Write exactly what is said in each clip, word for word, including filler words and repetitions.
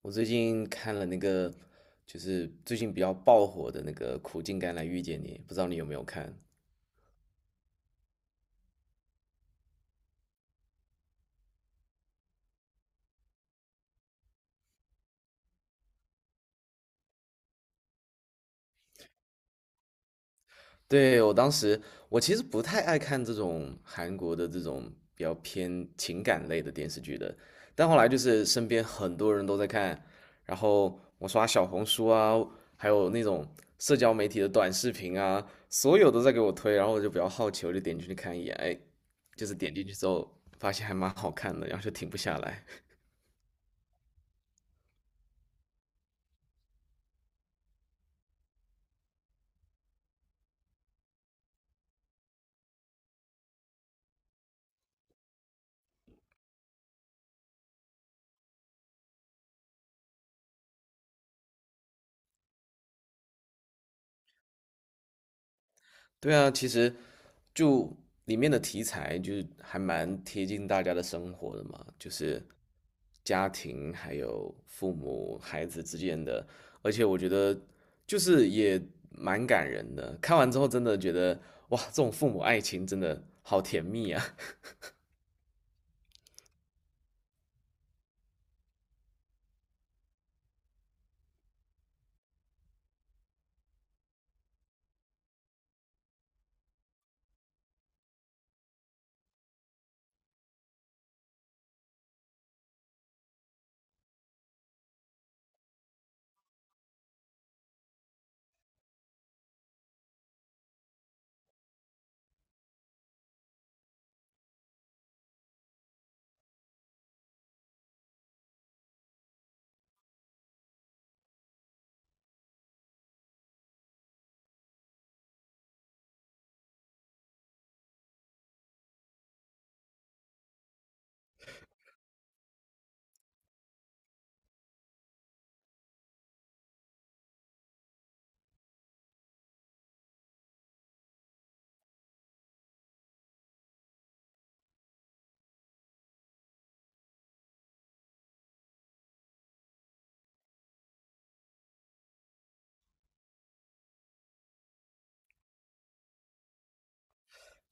我最近看了那个，就是最近比较爆火的那个《苦尽甘来遇见你》，不知道你有没有看？对，我当时，我其实不太爱看这种韩国的这种比较偏情感类的电视剧的，但后来就是身边很多人都在看，然后我刷小红书啊，还有那种社交媒体的短视频啊，所有都在给我推，然后我就比较好奇，我就点进去看一眼，哎，就是点进去之后发现还蛮好看的，然后就停不下来。对啊，其实就里面的题材就是还蛮贴近大家的生活的嘛，就是家庭还有父母孩子之间的，而且我觉得就是也蛮感人的。看完之后真的觉得哇，这种父母爱情真的好甜蜜啊！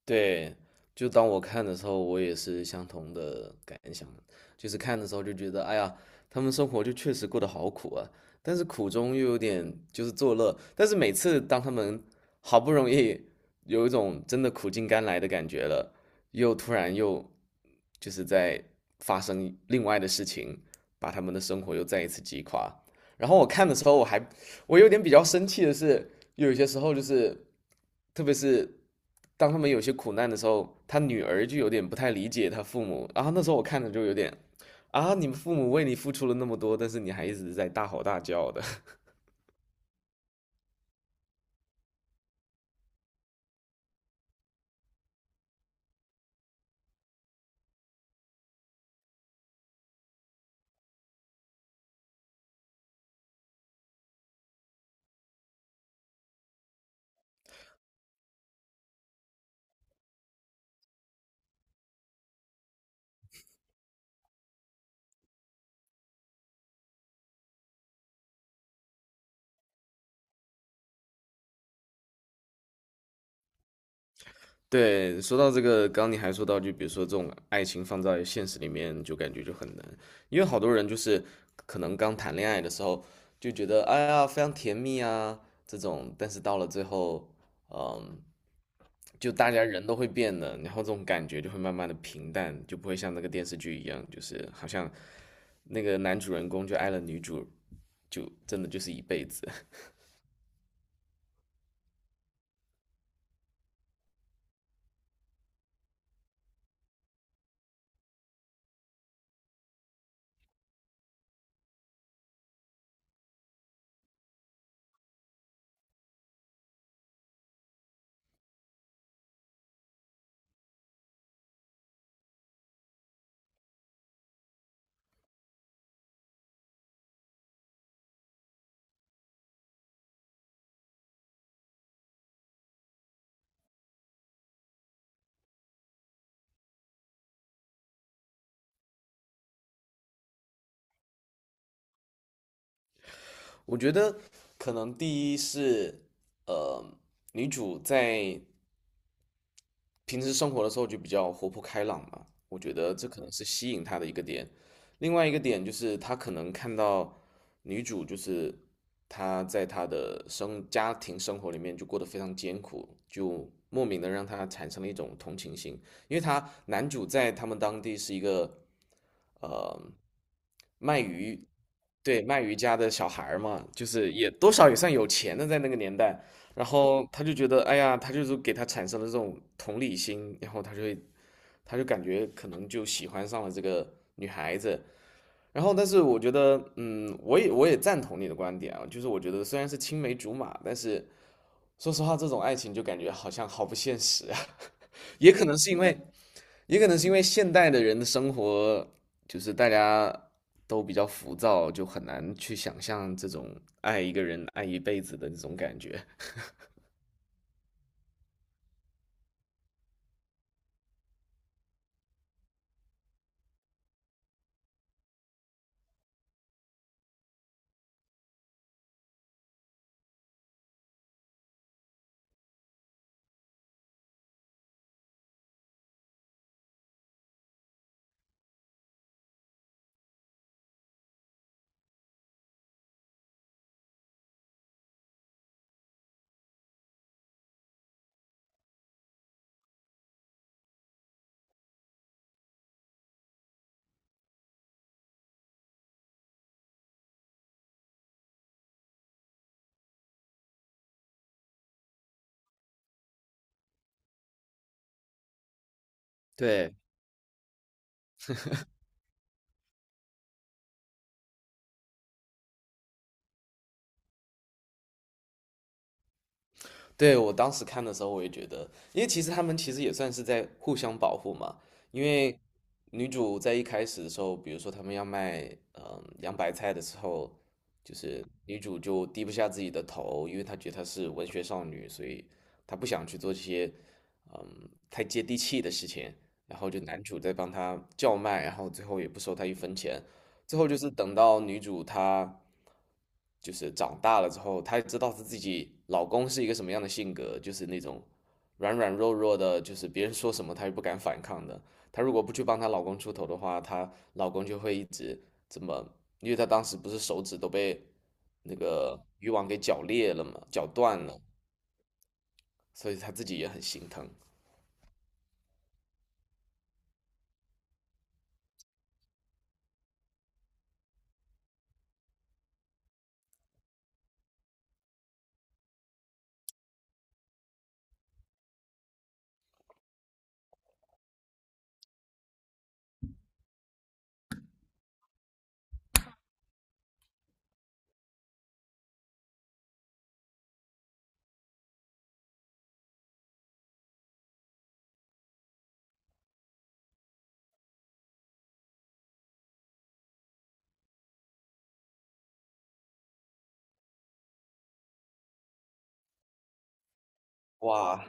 对，就当我看的时候，我也是相同的感想，就是看的时候就觉得，哎呀，他们生活就确实过得好苦啊，但是苦中又有点就是作乐，但是每次当他们好不容易有一种真的苦尽甘来的感觉了，又突然又就是在发生另外的事情，把他们的生活又再一次击垮。然后我看的时候，我还我有点比较生气的是，有一些时候就是，特别是当他们有些苦难的时候，他女儿就有点不太理解他父母。然后那时候我看着就有点，啊，你们父母为你付出了那么多，但是你还一直在大吼大叫的。对，说到这个，刚刚你还说到，就比如说这种爱情放在现实里面，就感觉就很难，因为好多人就是可能刚谈恋爱的时候就觉得，哎呀，非常甜蜜啊这种，但是到了最后，嗯，就大家人都会变的，然后这种感觉就会慢慢的平淡，就不会像那个电视剧一样，就是好像那个男主人公就爱了女主，就真的就是一辈子。我觉得可能第一是，呃，女主在平时生活的时候就比较活泼开朗嘛，我觉得这可能是吸引他的一个点。另外一个点就是他可能看到女主就是她在她的生家庭生活里面就过得非常艰苦，就莫名的让他产生了一种同情心，因为他男主在他们当地是一个呃卖鱼，对卖鱼家的小孩儿嘛，就是也多少也算有钱的在那个年代。然后他就觉得，哎呀，他就是给他产生了这种同理心，然后他就会他就感觉可能就喜欢上了这个女孩子。然后，但是我觉得，嗯，我也我也赞同你的观点啊，就是我觉得虽然是青梅竹马，但是说实话，这种爱情就感觉好像好不现实啊。也可能是因为，也可能是因为现代的人的生活，就是大家都比较浮躁，就很难去想象这种爱一个人爱一辈子的这种感觉。对，对，我当时看的时候，我也觉得，因为其实他们其实也算是在互相保护嘛。因为女主在一开始的时候，比如说他们要卖嗯洋白菜的时候，就是女主就低不下自己的头，因为她觉得她是文学少女，所以她不想去做这些嗯太接地气的事情。然后就男主在帮她叫卖，然后最后也不收她一分钱。最后就是等到女主她就是长大了之后，她知道她自己老公是一个什么样的性格，就是那种软软弱弱的，就是别人说什么她也不敢反抗的。她如果不去帮她老公出头的话，她老公就会一直这么，因为她当时不是手指都被那个渔网给绞裂了嘛，绞断了，所以她自己也很心疼。哇，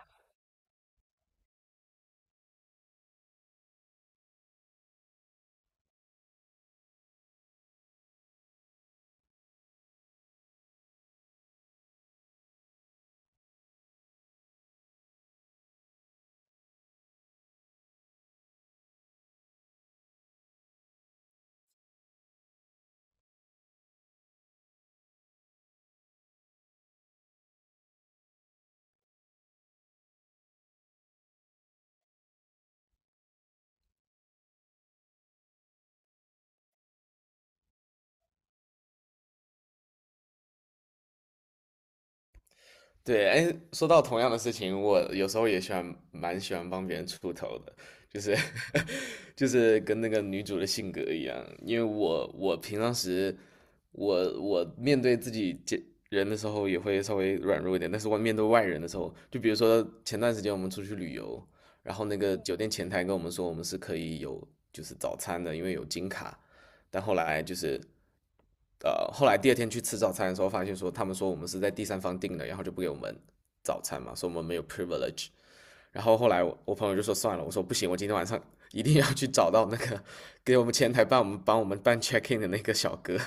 对，哎，说到同样的事情，我有时候也喜欢，蛮喜欢帮别人出头的，就是 就是跟那个女主的性格一样，因为我我平常时我我面对自己见人的时候也会稍微软弱一点，但是我面对外人的时候，就比如说前段时间我们出去旅游，然后那个酒店前台跟我们说我们是可以有就是早餐的，因为有金卡，但后来就是，呃，后来第二天去吃早餐的时候，发现说他们说我们是在第三方订的，然后就不给我们早餐嘛，说我们没有 privilege。然后后来我我朋友就说算了，我说不行，我今天晚上一定要去找到那个 给我们前台办我们帮我们办 check in 的那个小哥，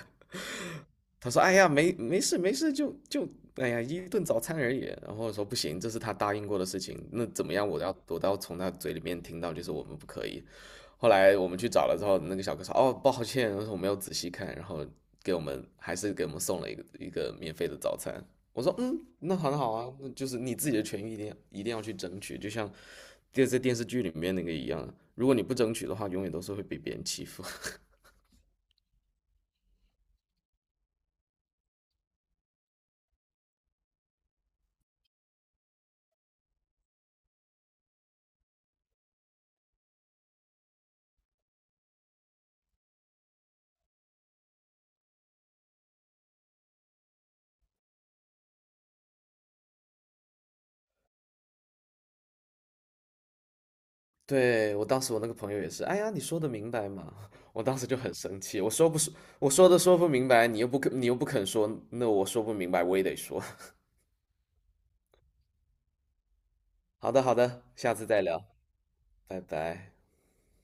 他说：“哎呀，没没事没事，就就哎呀一顿早餐而已。”然后我说：“不行，这是他答应过的事情，那怎么样？我要我都要从他嘴里面听到，就是我们不可以。”后来我们去找了之后，那个小哥说：“哦，抱歉，我说我没有仔细看。”然后给我们还是给我们送了一个一个免费的早餐。我说：“嗯，那很好啊，那就是你自己的权益一定要一定要去争取，就像电在电视剧里面那个一样，如果你不争取的话，永远都是会被别人欺负。”对，我当时我那个朋友也是，哎呀，你说的明白嘛？我当时就很生气，我说不说，我说的说不明白，你又不肯，你又不肯说，那我说不明白，我也得说。好的，好的，下次再聊，拜拜。